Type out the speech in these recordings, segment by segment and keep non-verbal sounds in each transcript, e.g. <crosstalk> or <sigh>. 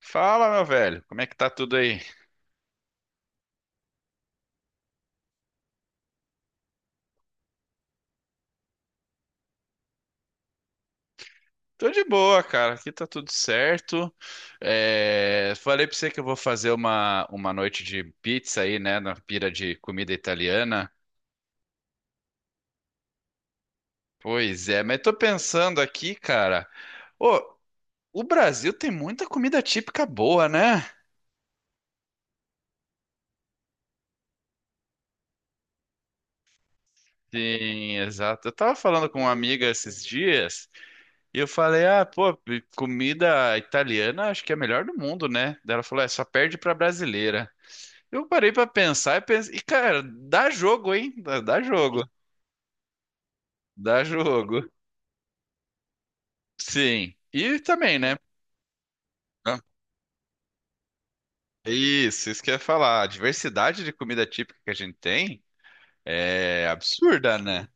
Fala, meu velho, como é que tá tudo aí? Tô de boa, cara, aqui tá tudo certo. É, falei pra você que eu vou fazer uma noite de pizza aí, né, na pira de comida italiana. Pois é, mas tô pensando aqui, cara. Ô, o Brasil tem muita comida típica boa, né? Sim, exato. Eu tava falando com uma amiga esses dias e eu falei: ah, pô, comida italiana acho que é a melhor do mundo, né? Daí ela falou: é, só perde pra brasileira. Eu parei pra pensar e pensei, e cara, dá jogo, hein? Dá jogo, dá jogo. Sim. E também, né? Ah, isso que eu ia falar. A diversidade de comida típica que a gente tem é absurda, né?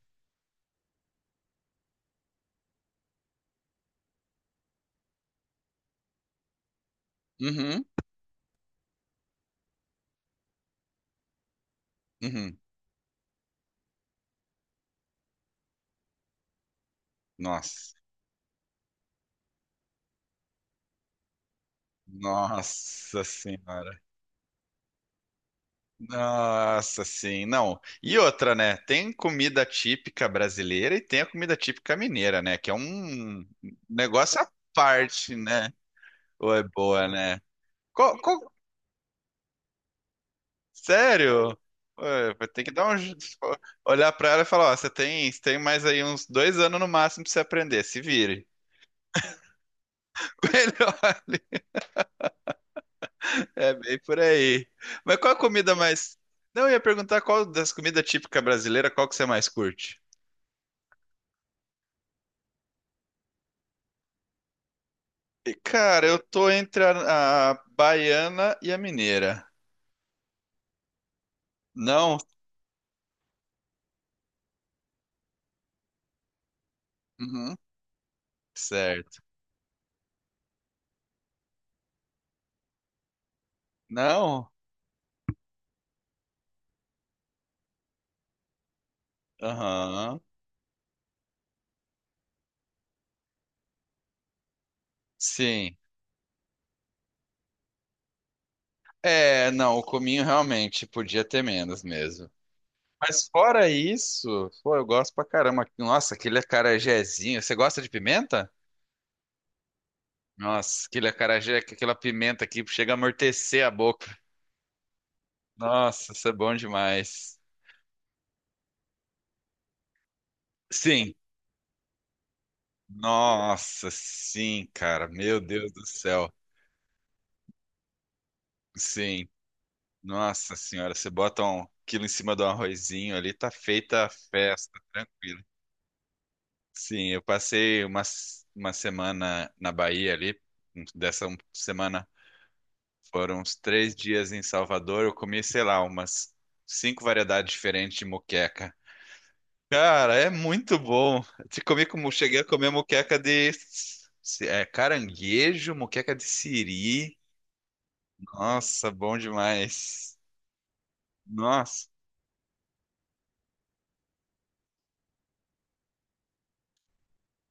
Uhum, uhum. Nossa. Nossa senhora. Nossa sim, não. E outra, né? Tem comida típica brasileira e tem a comida típica mineira, né? Que é um negócio à parte, né? Ou é boa, né? Qual, sério? Ué, vai ter que dar olhar pra ela e falar, ó, você tem mais aí uns 2 anos no máximo pra você aprender, se vire. <laughs> Melhor. É bem por aí. Mas qual a comida mais? Não, eu ia perguntar qual das comidas típicas brasileiras, qual que você mais curte? E, cara, eu tô entre a baiana e a mineira. Não? Uhum. Certo. Não? Aham. Sim. É, não, o cominho realmente podia ter menos mesmo. Mas fora isso, pô, eu gosto pra caramba. Nossa, aquele acarajézinho. Você gosta de pimenta? Nossa, aquele acarajé, aquela pimenta que chega a amortecer a boca. Nossa, isso é bom demais. Sim. Nossa, sim, cara. Meu Deus do céu. Sim. Nossa senhora, você bota um quilo em cima do arrozinho ali, tá feita a festa, tranquilo. Sim, eu passei uma semana na Bahia ali, dessa semana. Foram uns 3 dias em Salvador. Eu comi, sei lá, umas cinco variedades diferentes de moqueca. Cara, é muito bom. Te comi como cheguei a comer moqueca de caranguejo, moqueca de siri. Nossa, bom demais. Nossa.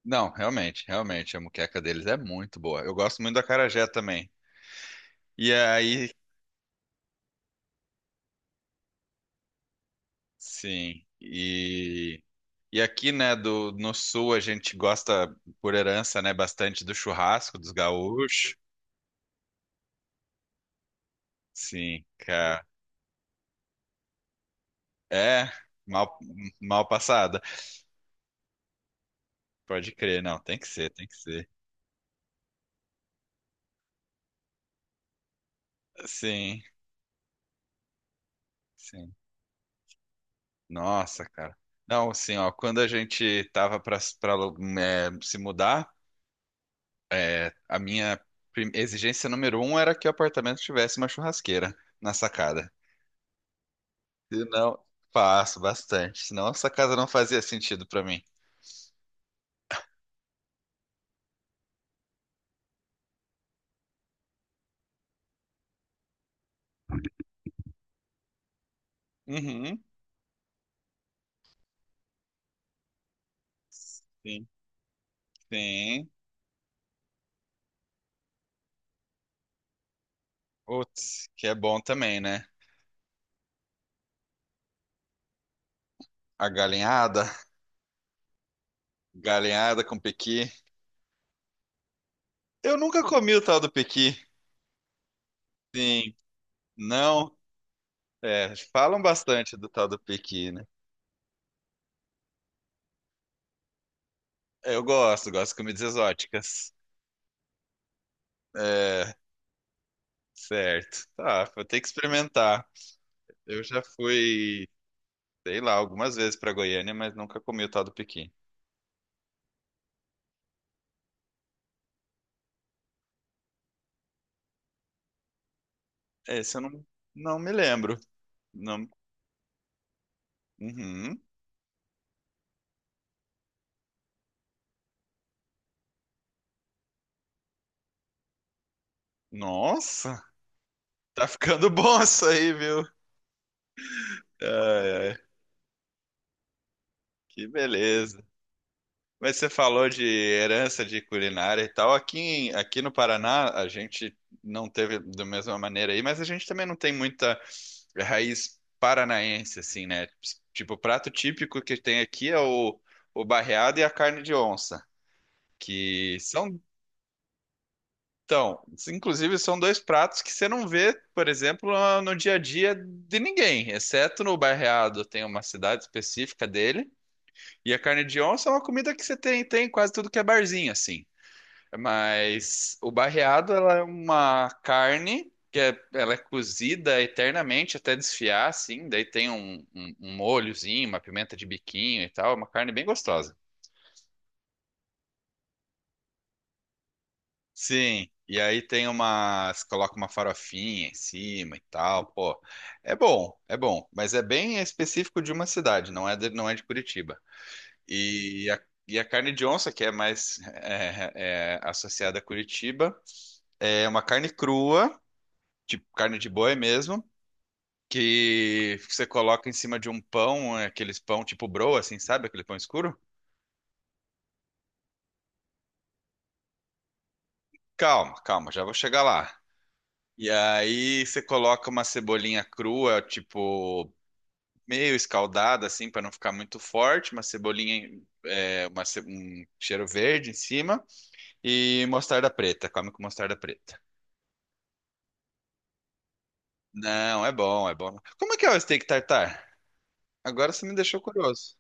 Não, realmente, realmente, a moqueca deles é muito boa. Eu gosto muito da acarajé também. E aí, sim. E aqui, né, no sul a gente gosta, por herança, né, bastante do churrasco dos gaúchos. Sim, cara. É, mal, mal passada. Pode crer, não, tem que ser, tem que ser. Sim, sim. Nossa, cara. Não, assim, ó, quando a gente tava pra se mudar, a minha exigência número um era que o apartamento tivesse uma churrasqueira na sacada. Se não, faço bastante. Senão essa casa não fazia sentido pra mim. Uhum. Sim, sim. Putz, que é bom também, né? A galinhada, galinhada com pequi. Eu nunca comi o tal do pequi. Sim, não. É, falam bastante do tal do pequi, né? Eu gosto de comidas exóticas. É, certo. Tá, vou ter que experimentar. Eu já fui, sei lá, algumas vezes pra Goiânia, mas nunca comi o tal do pequi. Esse eu não, não me lembro. Não. Uhum. Nossa, tá ficando <laughs> bom isso aí, viu? Ai, ai, que beleza. Mas você falou de herança de culinária e tal. Aqui, aqui no Paraná, a gente não teve da mesma maneira aí, mas a gente também não tem muita raiz paranaense, assim, né? Tipo, o prato típico que tem aqui é o barreado e a carne de onça, que são, então, inclusive são dois pratos que você não vê, por exemplo, no dia a dia de ninguém, exceto no barreado, tem uma cidade específica dele. E a carne de onça é uma comida que você tem em quase tudo que é barzinho, assim. Mas o barreado, ela é uma carne ela é cozida eternamente até desfiar, assim. Daí tem um molhozinho, uma pimenta de biquinho e tal. É uma carne bem gostosa. Sim. E aí coloca uma farofinha em cima e tal. Pô, é bom, é bom. Mas é bem específico de uma cidade, não é de Curitiba. E a, e a carne de onça, que é mais associada a Curitiba, é uma carne crua, tipo carne de boi mesmo, que você coloca em cima de um pão, aqueles pão tipo broa, assim, sabe? Aquele pão escuro? Calma, calma, já vou chegar lá. E aí você coloca uma cebolinha crua, tipo meio escaldada, assim, para não ficar muito forte, uma cebolinha, um cheiro verde em cima e mostarda preta, come com mostarda preta. Não, é bom, é bom. Como é que é o steak tartar? Agora você me deixou curioso.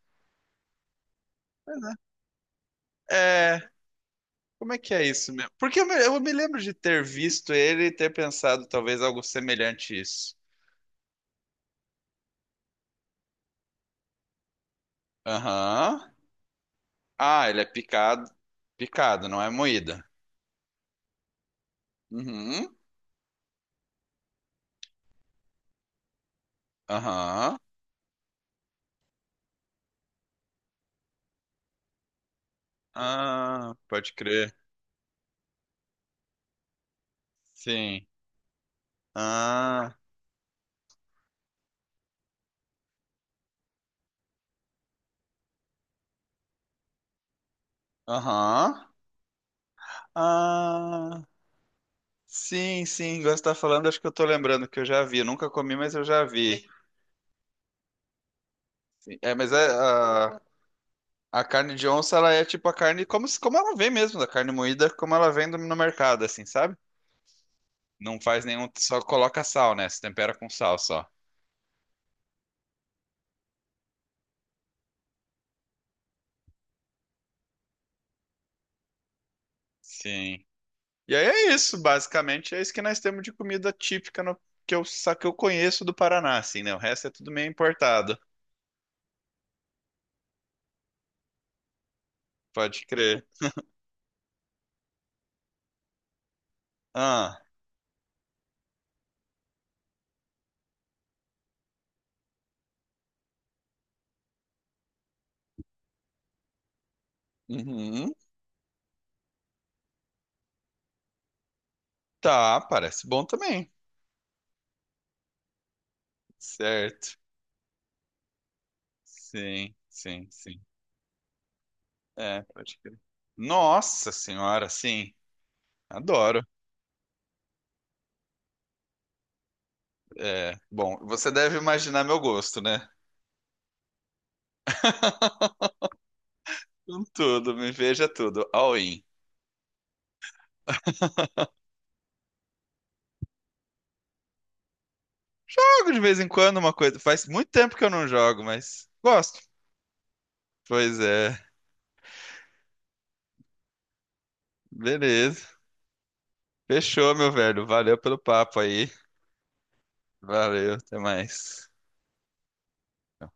É, como é que é isso mesmo? Porque eu me lembro de ter visto ele e ter pensado talvez algo semelhante a isso. Aham. Ah, ele é picado. Picado, não é moída. Uhum. Aham. Ah, pode crer. Sim. Ah, aham. Ah, sim, sim. Agora você tá falando, acho que eu tô lembrando que eu já vi. Eu nunca comi, mas eu já vi. É, mas é. A carne de onça, ela é tipo a carne como, se- como ela vem mesmo, da carne moída, como ela vem no mercado, assim, sabe? Não faz nenhum, só coloca sal, né? Se tempera com sal só. Sim. E aí é isso, basicamente, é isso que nós temos de comida típica que eu conheço do Paraná, assim, né? O resto é tudo meio importado. Pode crer. Ah, uhum, tá, parece bom também. Certo. Sim, sim, sim. É, pode crer. Nossa senhora, sim. Adoro. É, bom, você deve imaginar meu gosto, né? <laughs> Com tudo, me veja tudo, all in. Jogo de vez em quando uma coisa. Faz muito tempo que eu não jogo, mas gosto. Pois é, beleza. Fechou, meu velho. Valeu pelo papo aí. Valeu, até mais.